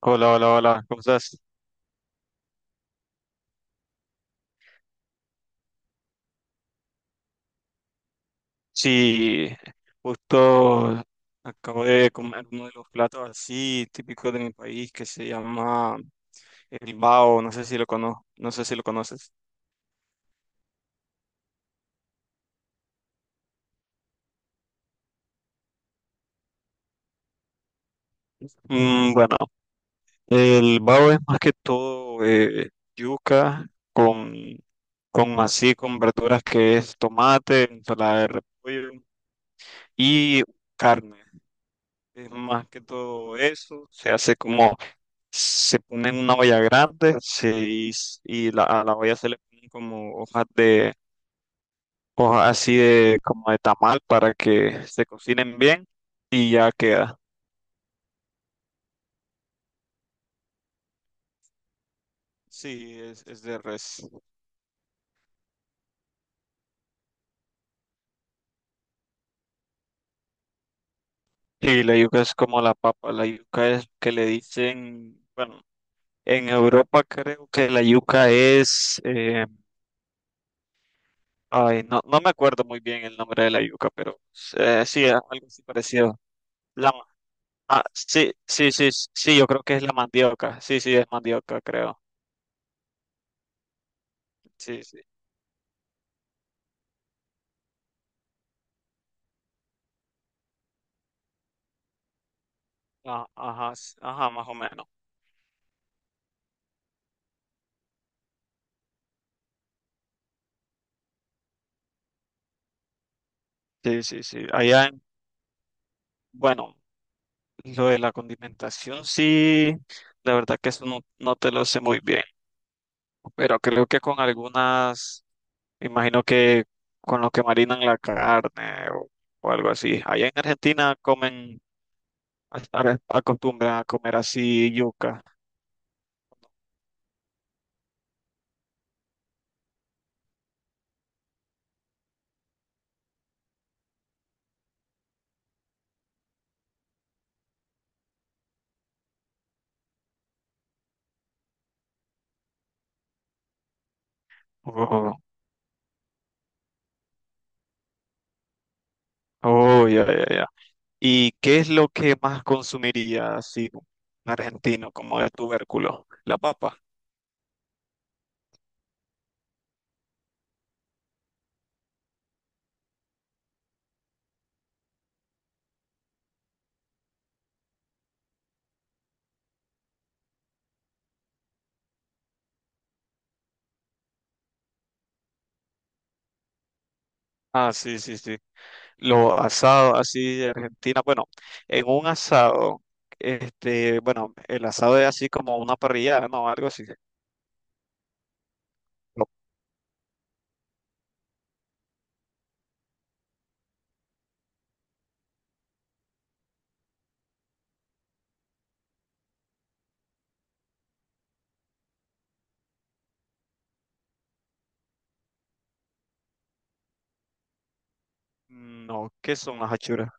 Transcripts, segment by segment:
Hola, hola, hola, ¿cómo estás? Sí, justo acabo de comer uno de los platos así típicos de mi país que se llama el bao, no sé si lo conoces. Bueno, el bao es más que todo yuca con, con así, con verduras que es tomate, ensalada de repollo y carne. Es más que todo eso, se hace como se pone en una olla grande se, y, s- y la, a la olla se le ponen como hojas así de, como de tamal para que se cocinen bien y ya queda. Sí, es de res. Y la yuca es como la papa, la yuca es que le dicen, bueno, en Europa creo que la yuca es, ay, no me acuerdo muy bien el nombre de la yuca, pero sí, algo así parecido. La Ah, sí, sí, sí, sí, yo creo que es la mandioca. Sí, sí, es mandioca, creo. Sí, sí. Ah, ajá, ajá, más o menos. Sí, sí, sí. Bueno, lo de la condimentación, sí, la verdad que eso no, no te lo sé muy bien. Pero creo que con imagino que con lo que marinan la carne o algo así. Allá en Argentina comen, acostumbran a comer así yuca. Oh, oh, ya, ya, ya. ¿Y qué es lo que más consumiría así un argentino como de tubérculo? La papa. Ah, sí, sí, sí. Lo asado así de Argentina. Bueno, en un asado, bueno, el asado es así como una parrilla, ¿no? Algo así. No, no, ¿qué son las achuras?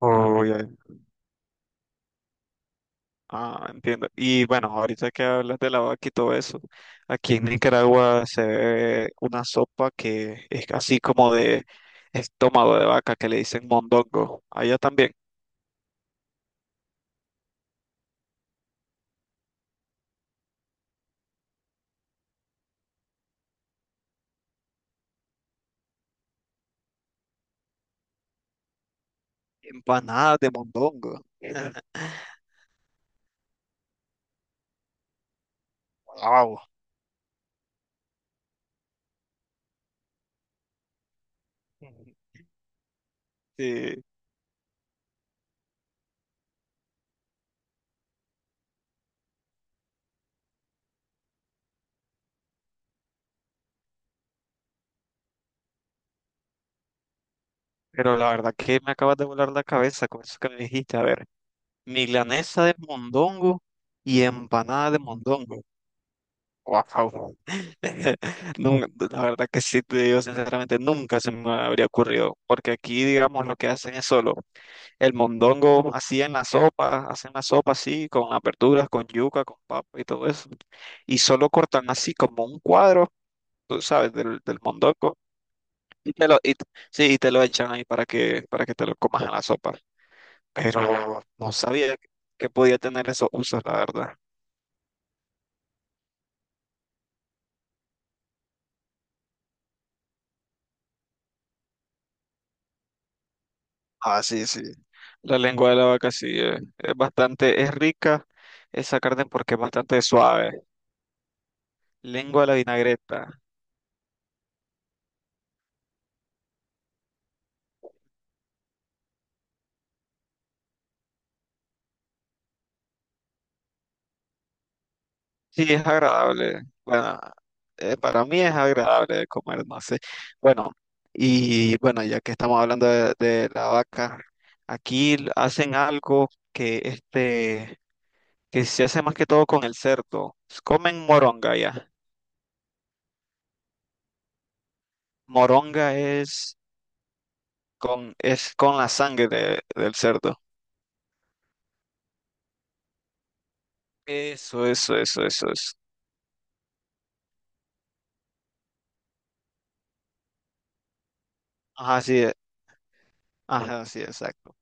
Oh, ya, ya. Ah, entiendo. Y bueno, ahorita que hablas de la vaca y todo eso, aquí en Nicaragua se ve una sopa que es así como de estómago de vaca que le dicen mondongo. Allá también. Empanadas de mondongo. Wow. Sí, pero la verdad que me acabas de volar la cabeza con eso que me dijiste. A ver, milanesa de mondongo y empanada de mondongo. Wow. Nun- la verdad que sí te digo sinceramente, nunca se me habría ocurrido, porque aquí, digamos, lo que hacen es solo el mondongo así en la sopa, hacen la sopa así, con aperturas, con yuca, con papa y todo eso, y solo cortan así como un cuadro, tú sabes, del mondongo, y te lo, y, sí, y te lo echan ahí para para que te lo comas en la sopa. Pero no sabía que podía tener esos usos, la verdad. Ah, sí, sí. La lengua de la vaca sí es bastante, es rica esa carne porque es bastante suave. Lengua de la vinagreta. Sí, es agradable. Bueno, para mí es agradable de comer, no sé. Bueno, y bueno, ya que estamos hablando de la vaca, hacen algo que se hace más que todo con el cerdo. Comen moronga ya. Moronga es es con la sangre del cerdo. Eso, eso, eso, eso, eso. Ajá, sí, ajá, sí, exacto.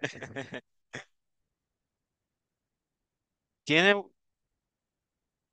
Tiene,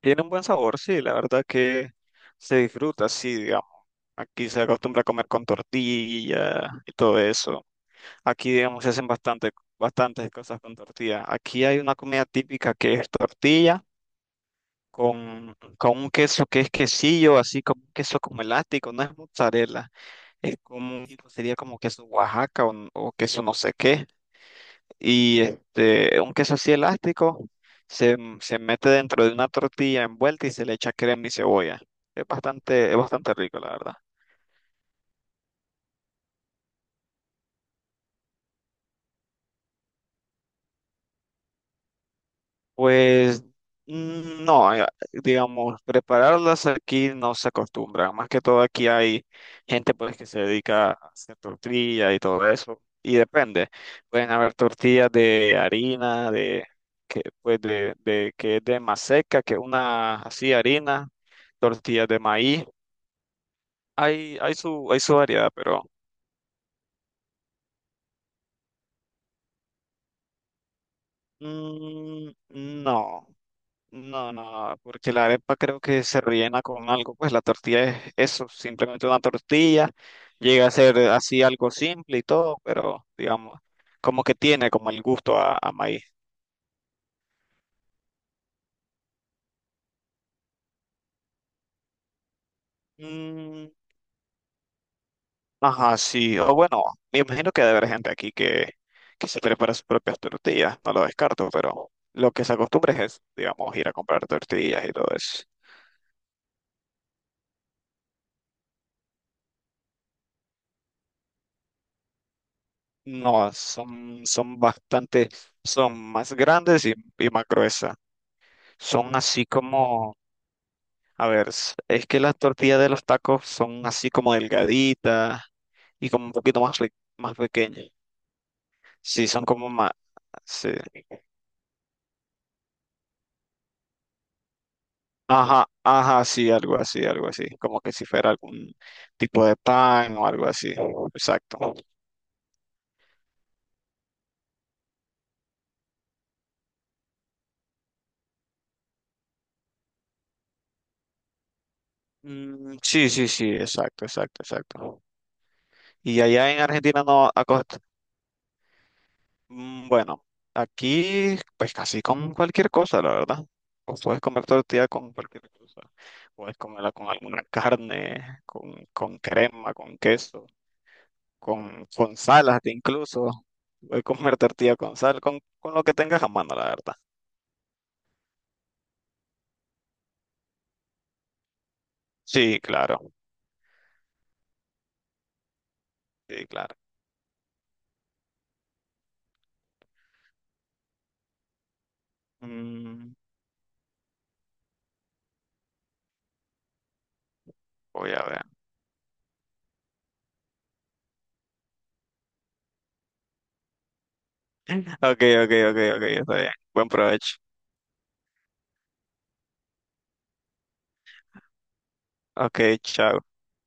tiene un buen sabor, sí, la verdad que se disfruta, sí, digamos. Aquí se acostumbra a comer con tortilla y todo eso. Aquí, digamos, bastantes cosas con tortilla. Aquí hay una comida típica que es tortilla con un queso que es quesillo, así como un queso como elástico, no es mozzarella, es como, sería como queso Oaxaca o queso no sé qué. Y este, un queso así elástico se mete dentro de una tortilla envuelta y se le echa crema y cebolla. Es bastante rico, la verdad. Pues no, digamos, prepararlas aquí no se acostumbra. Más que todo aquí hay gente pues que se dedica a hacer tortilla y todo eso. Y depende. Pueden haber tortillas de harina, de que pues de que es de maseca, que es una así harina, tortillas de maíz. Hay su variedad, pero mm, no, no, no, porque la arepa creo que se rellena con algo, pues la tortilla es eso, simplemente una tortilla, llega a ser así algo simple y todo, pero digamos, como que tiene como el gusto a maíz. Mm, ajá, sí, o bueno, me imagino que debe haber gente que se prepara sus propias tortillas, no lo descarto, pero lo que se acostumbra es, digamos, ir a comprar tortillas y todo eso. No, son bastante, son más grandes y más gruesas. Son así como, a ver, es que las tortillas de los tacos son así como delgaditas y como un poquito más, más pequeñas. Sí, sí. Ajá, ajá, sí, algo así, algo así. Como que si fuera algún tipo de pan o algo así. Exacto. Mm, sí, sí, sí, exacto, exacto, exacto. Y allá en Argentina no acostumbran. Mm, bueno, aquí pues casi con cualquier cosa, la verdad. O puedes comer tortilla con cualquier cosa. Puedes comerla con alguna carne, con crema, con queso, con sal hasta incluso. Puedes comer tortilla con sal, con lo que tengas a mano, la verdad. Sí, claro, sí, claro. Mm, voy a ver. Ok, ok, ok, ok, está bien. Buen provecho. Ok, chao.